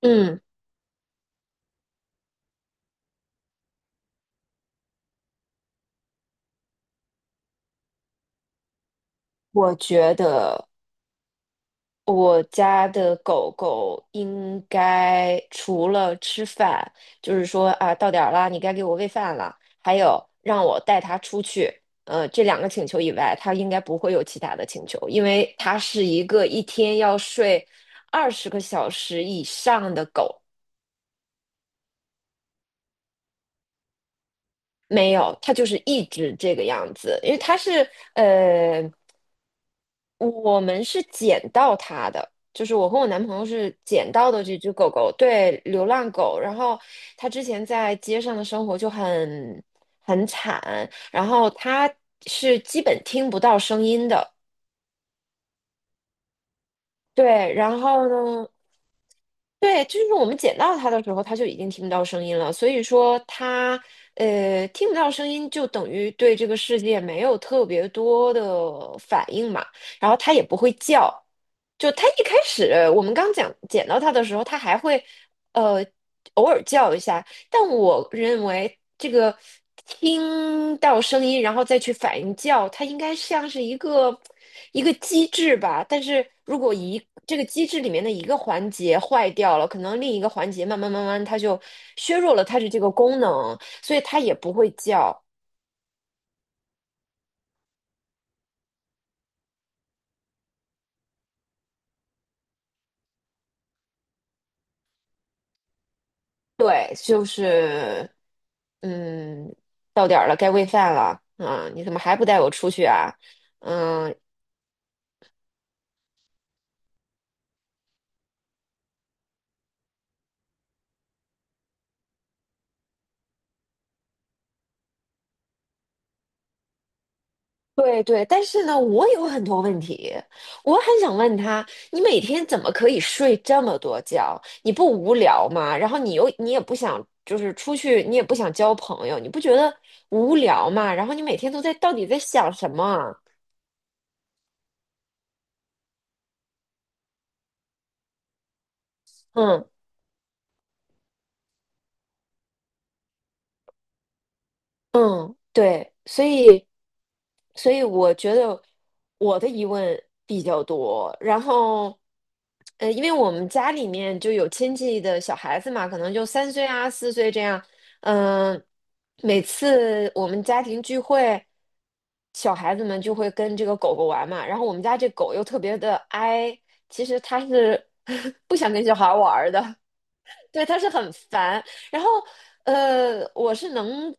嗯，我觉得我家的狗狗应该除了吃饭，就是说啊，到点儿了，你该给我喂饭了，还有让我带它出去，这两个请求以外，它应该不会有其他的请求，因为它是一个一天要睡20个小时以上的狗。没有，它就是一直这个样子，因为它是呃。我们是捡到它的，就是我和我男朋友是捡到的这只狗狗，对，流浪狗。然后它之前在街上的生活就很惨，然后它是基本听不到声音的。对，然后呢？对，就是我们捡到它的时候，它就已经听不到声音了。所以说它，听不到声音，就等于对这个世界没有特别多的反应嘛。然后它也不会叫。就它一开始，我们刚讲捡到它的时候，它还会，呃，偶尔叫一下。但我认为这个听到声音，然后再去反应叫，它应该像是一个机制吧。但是如果这个机制里面的一个环节坏掉了，可能另一个环节慢慢慢慢它就削弱了它的这个功能，所以它也不会叫。对，就是嗯，到点儿了，该喂饭了。啊，你怎么还不带我出去啊？嗯，对对，但是呢，我有很多问题，我很想问他，你每天怎么可以睡这么多觉？你不无聊吗？然后你也不想，就是出去，你也不想交朋友，你不觉得无聊吗？然后你每天都在到底在想什么啊嗯。嗯，对，所以我觉得我的疑问比较多。然后，因为我们家里面就有亲戚的小孩子嘛，可能就3岁啊、4岁这样。嗯、每次我们家庭聚会，小孩子们就会跟这个狗狗玩嘛。然后我们家这狗又特别的哀，其实它是 不想跟小孩玩儿的。对，他是很烦。然后，我是能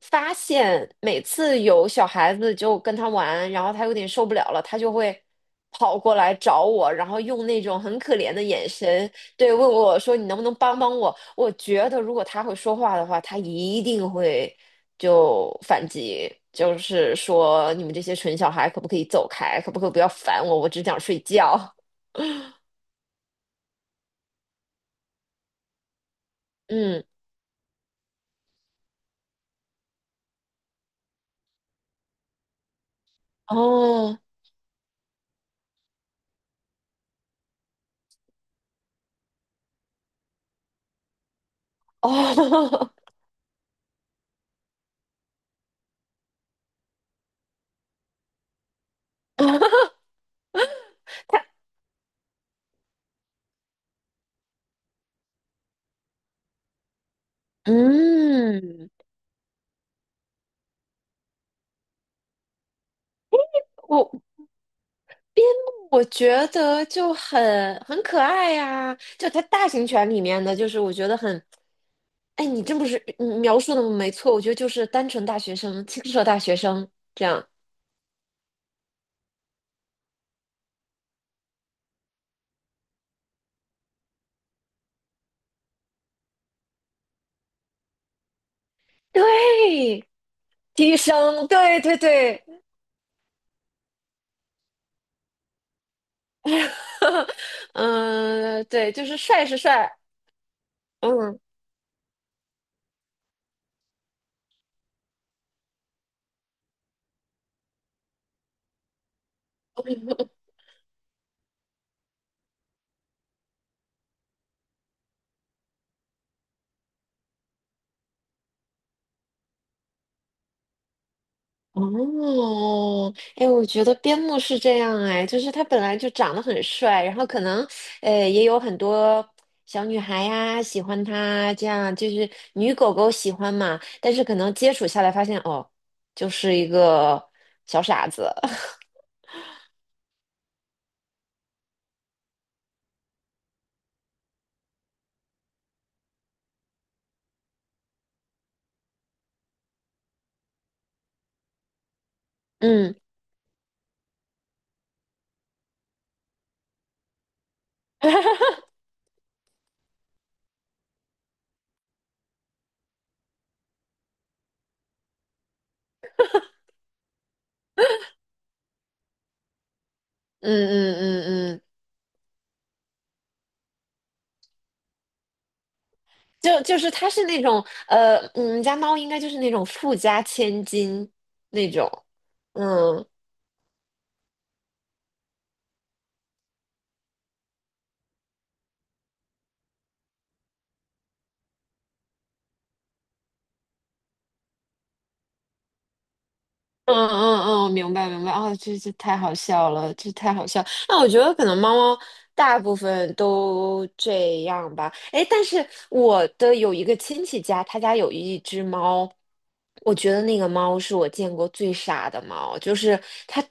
发现，每次有小孩子就跟他玩，然后他有点受不了了，他就会跑过来找我，然后用那种很可怜的眼神，对，问我说："你能不能帮帮我？"我觉得如果他会说话的话，他一定会就反击，就是说你们这些蠢小孩可不可以走开，可不可以不要烦我，我只想睡觉。嗯，哦，哦。嗯，我我觉得就很可爱呀、就它大型犬里面的，就是我觉得很，哎，你真不是你描述的没错，我觉得就是单纯大学生、青涩大学生这样，对，低声，对对对，嗯对，就是帅是帅。嗯。哦，哎，我觉得边牧是这样哎，就是他本来就长得很帅，然后可能，也有很多小女孩呀喜欢他，这样就是女狗狗喜欢嘛，但是可能接触下来发现，哦，就是一个小傻子。嗯。嗯嗯嗯嗯，就是他是那种我们家猫应该就是那种富家千金那种。嗯。嗯嗯嗯，明白明白，哦，这太好笑了，这太好笑。那我觉得可能猫猫大部分都这样吧。哎，但是我的有一个亲戚家，他家有一只猫，我觉得那个猫是我见过最傻的猫，就是它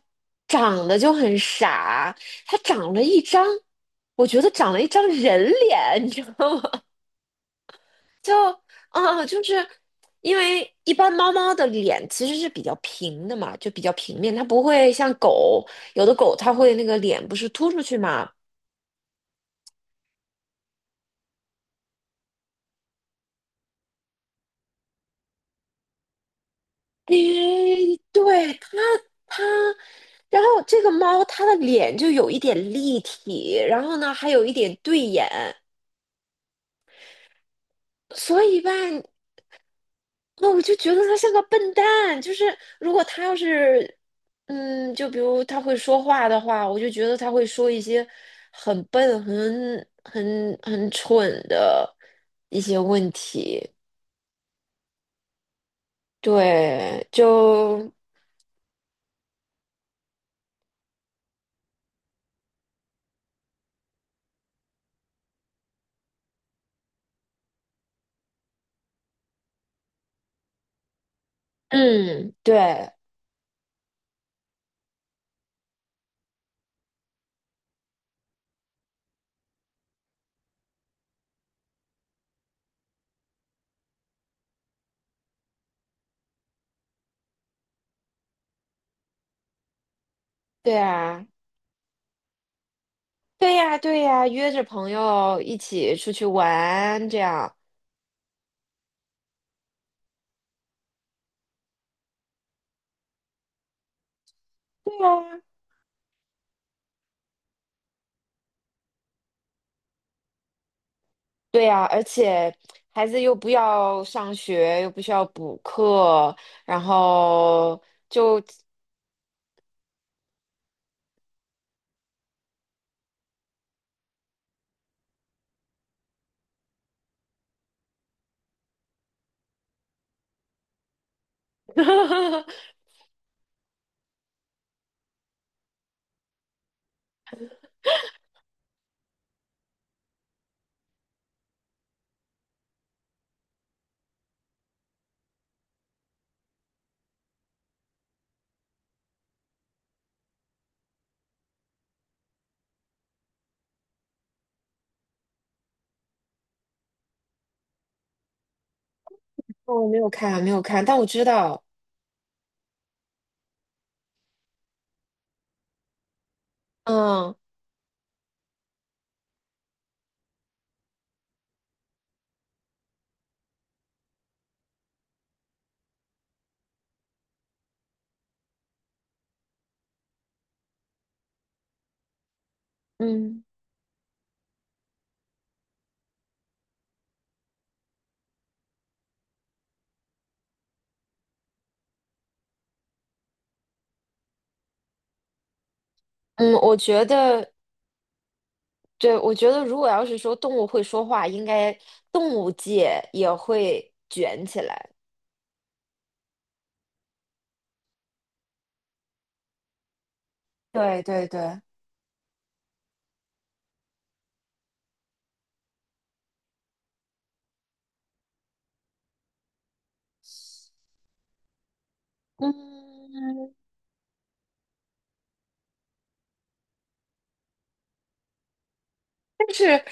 长得就很傻，它长了一张，我觉得长了一张人脸，你知道吗？就就是因为一般猫猫的脸其实是比较平的嘛，就比较平面，它不会像狗，有的狗它会那个脸不是凸出去嘛。诶，对，它，然后这个猫它的脸就有一点立体，然后呢还有一点对眼，所以吧，那我就觉得他像个笨蛋，就是如果他要是，嗯，就比如他会说话的话，我就觉得他会说一些很笨、很蠢的一些问题。对，对，对啊，对呀，对呀，约着朋友一起出去玩，这样。对啊对呀，而且孩子又不要上学，又不需要补课，然后就，我没有看，没有看，但我知道，嗯嗯嗯，我觉得，对，我觉得如果要是说动物会说话，应该动物界也会卷起来。对对对，嗯，但是。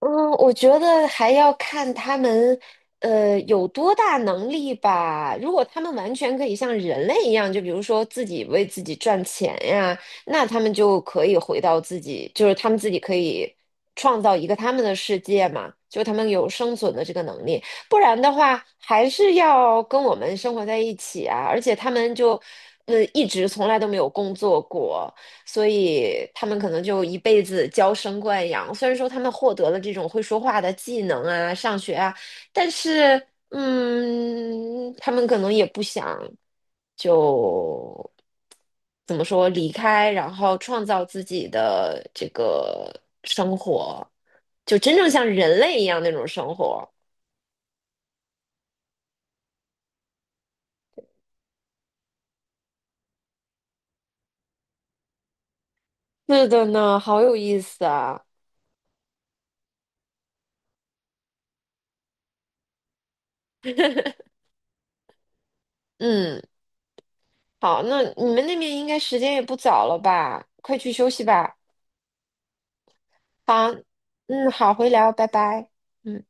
嗯，我觉得还要看他们，有多大能力吧。如果他们完全可以像人类一样，就比如说自己为自己赚钱呀，那他们就可以回到自己，就是他们自己可以创造一个他们的世界嘛，就他们有生存的这个能力。不然的话，还是要跟我们生活在一起啊。而且他们就，一直从来都没有工作过。所以他们可能就一辈子娇生惯养。虽然说他们获得了这种会说话的技能啊，上学啊，但是，嗯，他们可能也不想就怎么说离开，然后创造自己的这个生活，就真正像人类一样那种生活。是的呢，好有意思啊。嗯，好，那你们那边应该时间也不早了吧？快去休息吧。好，嗯，好，回聊，拜拜。嗯。